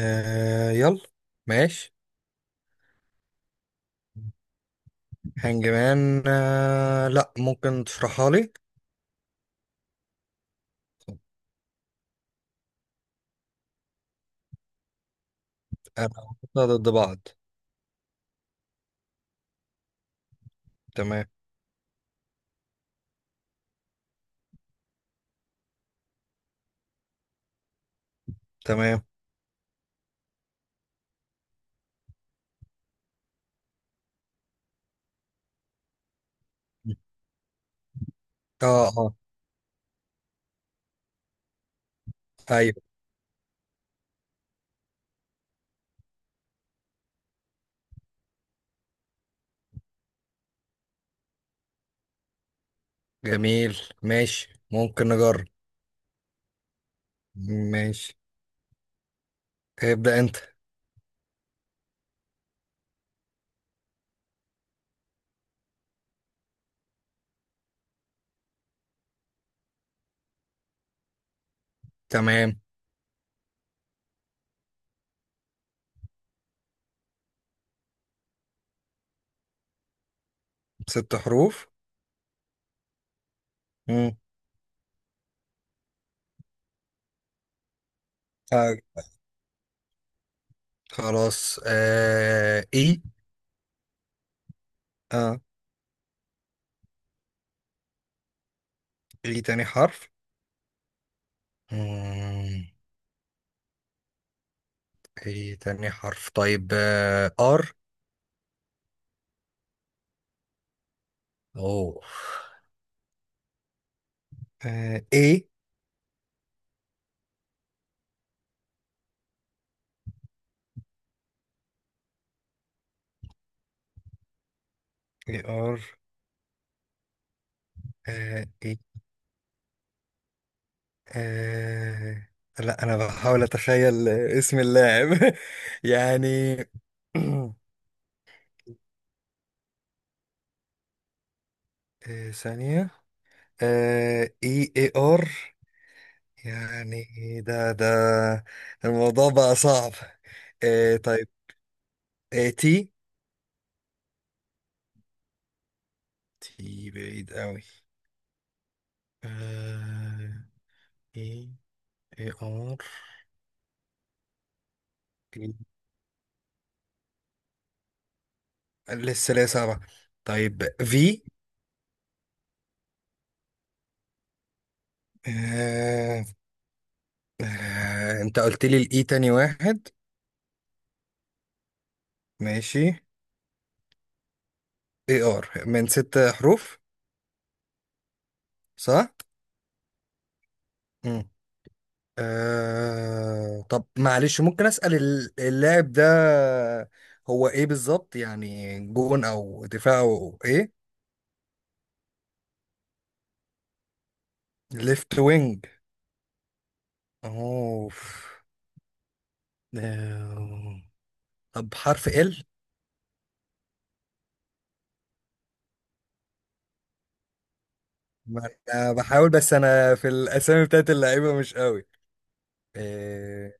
يلا. ماشي. هانجمان؟ لا، ممكن تشرحها لي. انا هحطها ضد بعض. تمام. تمام. اه. اه. ايوه. جميل. ماشي ممكن نجرب. ماشي، ابدأ انت. تمام. ست حروف. مم. آه. خلاص، اي. اه. اي تاني حرف. مم. اي تاني حرف، طيب ار. اوه. اي. اي ار. E. آه... لا، انا بحاول اتخيل اسم اللاعب، يعني. ثانية. اي اي ار، يعني، ده الموضوع بقى صعب. طيب. تي. تي بعيد قوي. آه... اي اي ار. إيه. لسه ليا صعبة. طيب في. آه... انت قلت لي الاي تاني واحد. ماشي. اي ار من ست حروف، صح؟ مم. طب معلش ممكن أسأل اللاعب ده، هو ايه بالظبط؟ يعني جون او دفاع او ايه؟ ليفت وينج. اوف. آه، طب حرف ال. ما انا بحاول، بس انا في الاسامي بتاعت اللعيبه مش قوي. آه...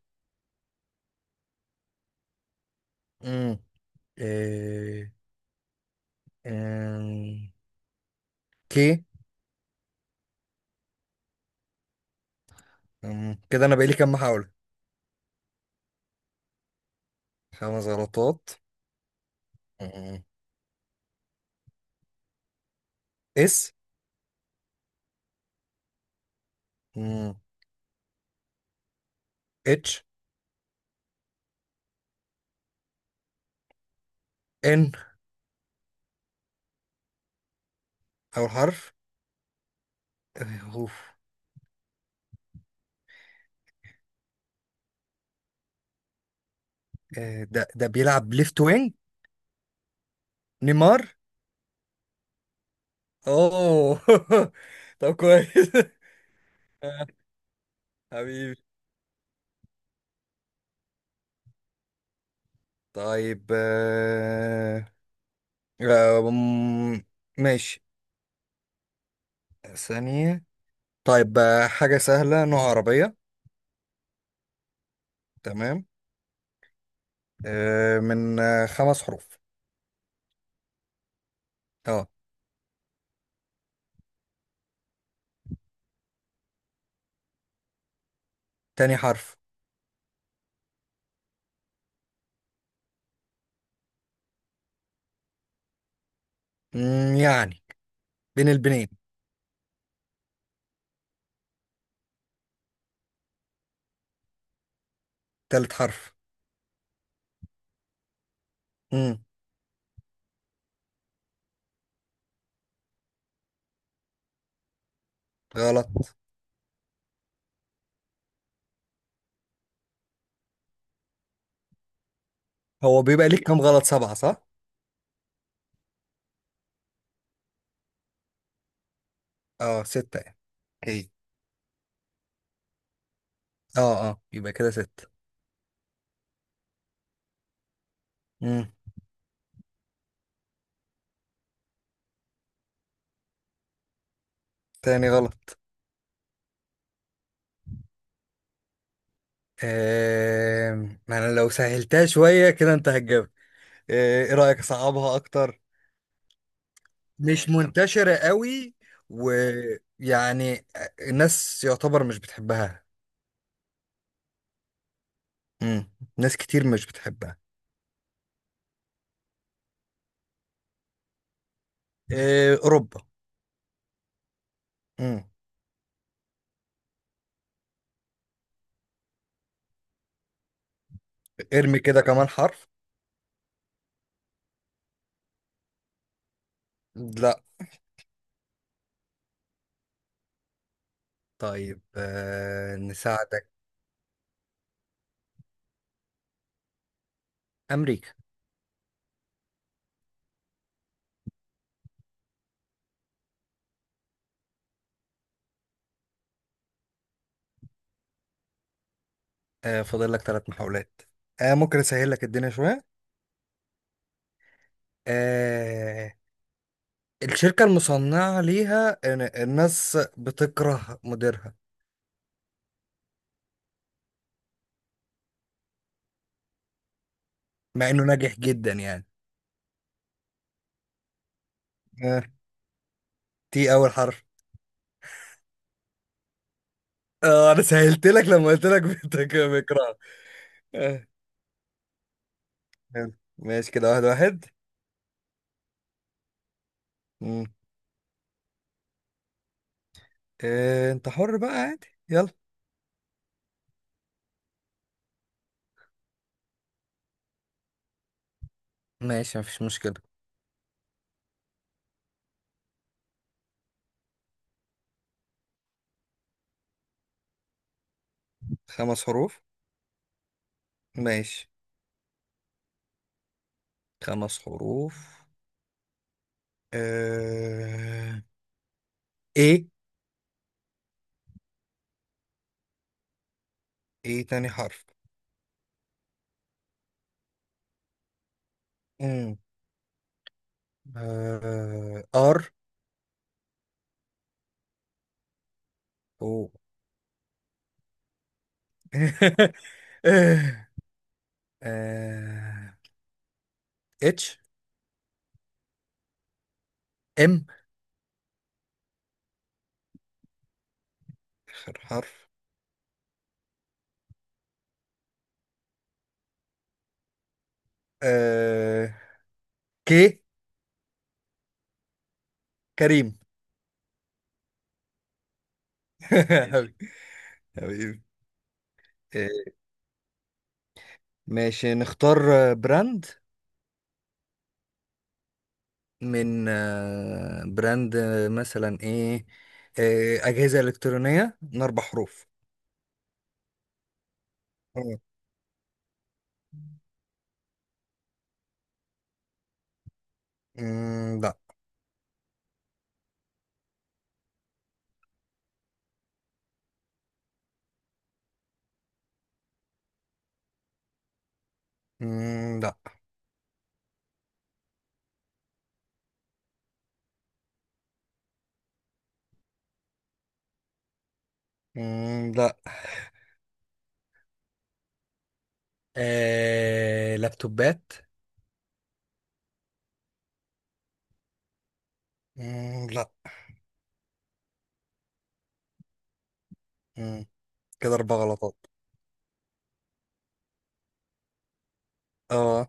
مم. آه... آه... كي. مم. كده انا بقالي كام محاولة؟ خمس غلطات. مم. اس. مم. اتش. ان اول حرف. اوف. ده بيلعب ليفت وينج. نيمار. اوه. طب كويس. آه، حبيبي. طيب آم، ماشي. ثانية. طيب حاجة سهلة، نوع عربية. تمام. من خمس حروف. اه. تاني حرف. يعني بين البنين. تالت حرف. مم، غلط. هو بيبقى ليك كام غلط، سبعة صح؟ اه، ستة يعني. ايه. اه، اه، يبقى كده ستة. امم. تاني غلط. آه... ما انا لو سهلتها شوية كده انت هتجاوب. ايه رأيك اصعبها اكتر؟ مش منتشرة قوي. ويعني الناس يعتبر مش بتحبها. امم. ناس كتير مش بتحبها. اوروبا. امم. ارمي كده كمان حرف. لا. طيب نساعدك. امريكا. فاضل لك ثلاث محاولات. ممكن اسهل لك الدنيا شوية. آه... الشركة المصنعة ليها، الناس بتكره مديرها، مع انه ناجح جدا يعني. آه. تي اول حرف. اه انا سهلت لك لما قلت لك بكره. آه. يلا. ماشي كده واحد واحد. مم. آه. انت حر بقى عادي، يلا. ماشي، مفيش مشكلة. خمس حروف. ماشي. خمس حروف. آه. ايه. ايه تاني حرف. مم. آه. ار. او. آه. اتش. ام. اخر حرف. آه كي. كريم. ماشي حبيبي. حبيبي. آه، ماشي نختار براند. من براند مثلا ايه؟ أجهزة إلكترونية من أربع حروف. آه. لا. لا. لا. لابتوبات. لا. مم، كده أربع غلطات. اه.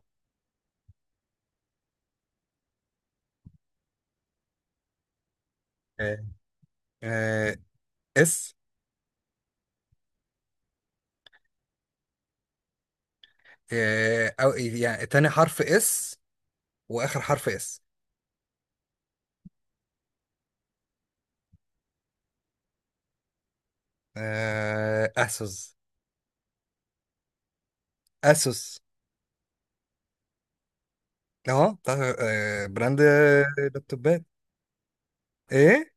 آه، آه، اس. أو يعني تاني حرف اس واخر حرف اس. اسوس. اسوس. اه، بتاع براند اللابتوبات. ايه.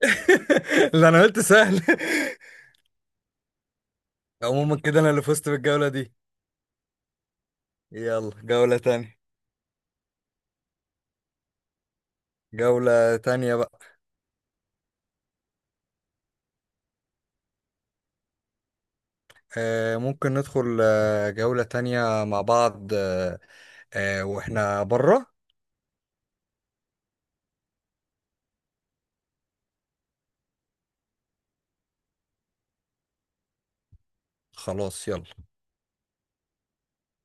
اللي انا قلت سهل. عموما كده انا اللي فزت بالجولة دي. يلا جولة تانية. جولة تانية بقى. ممكن ندخل جولة تانية مع بعض، واحنا بره. خلاص يلا.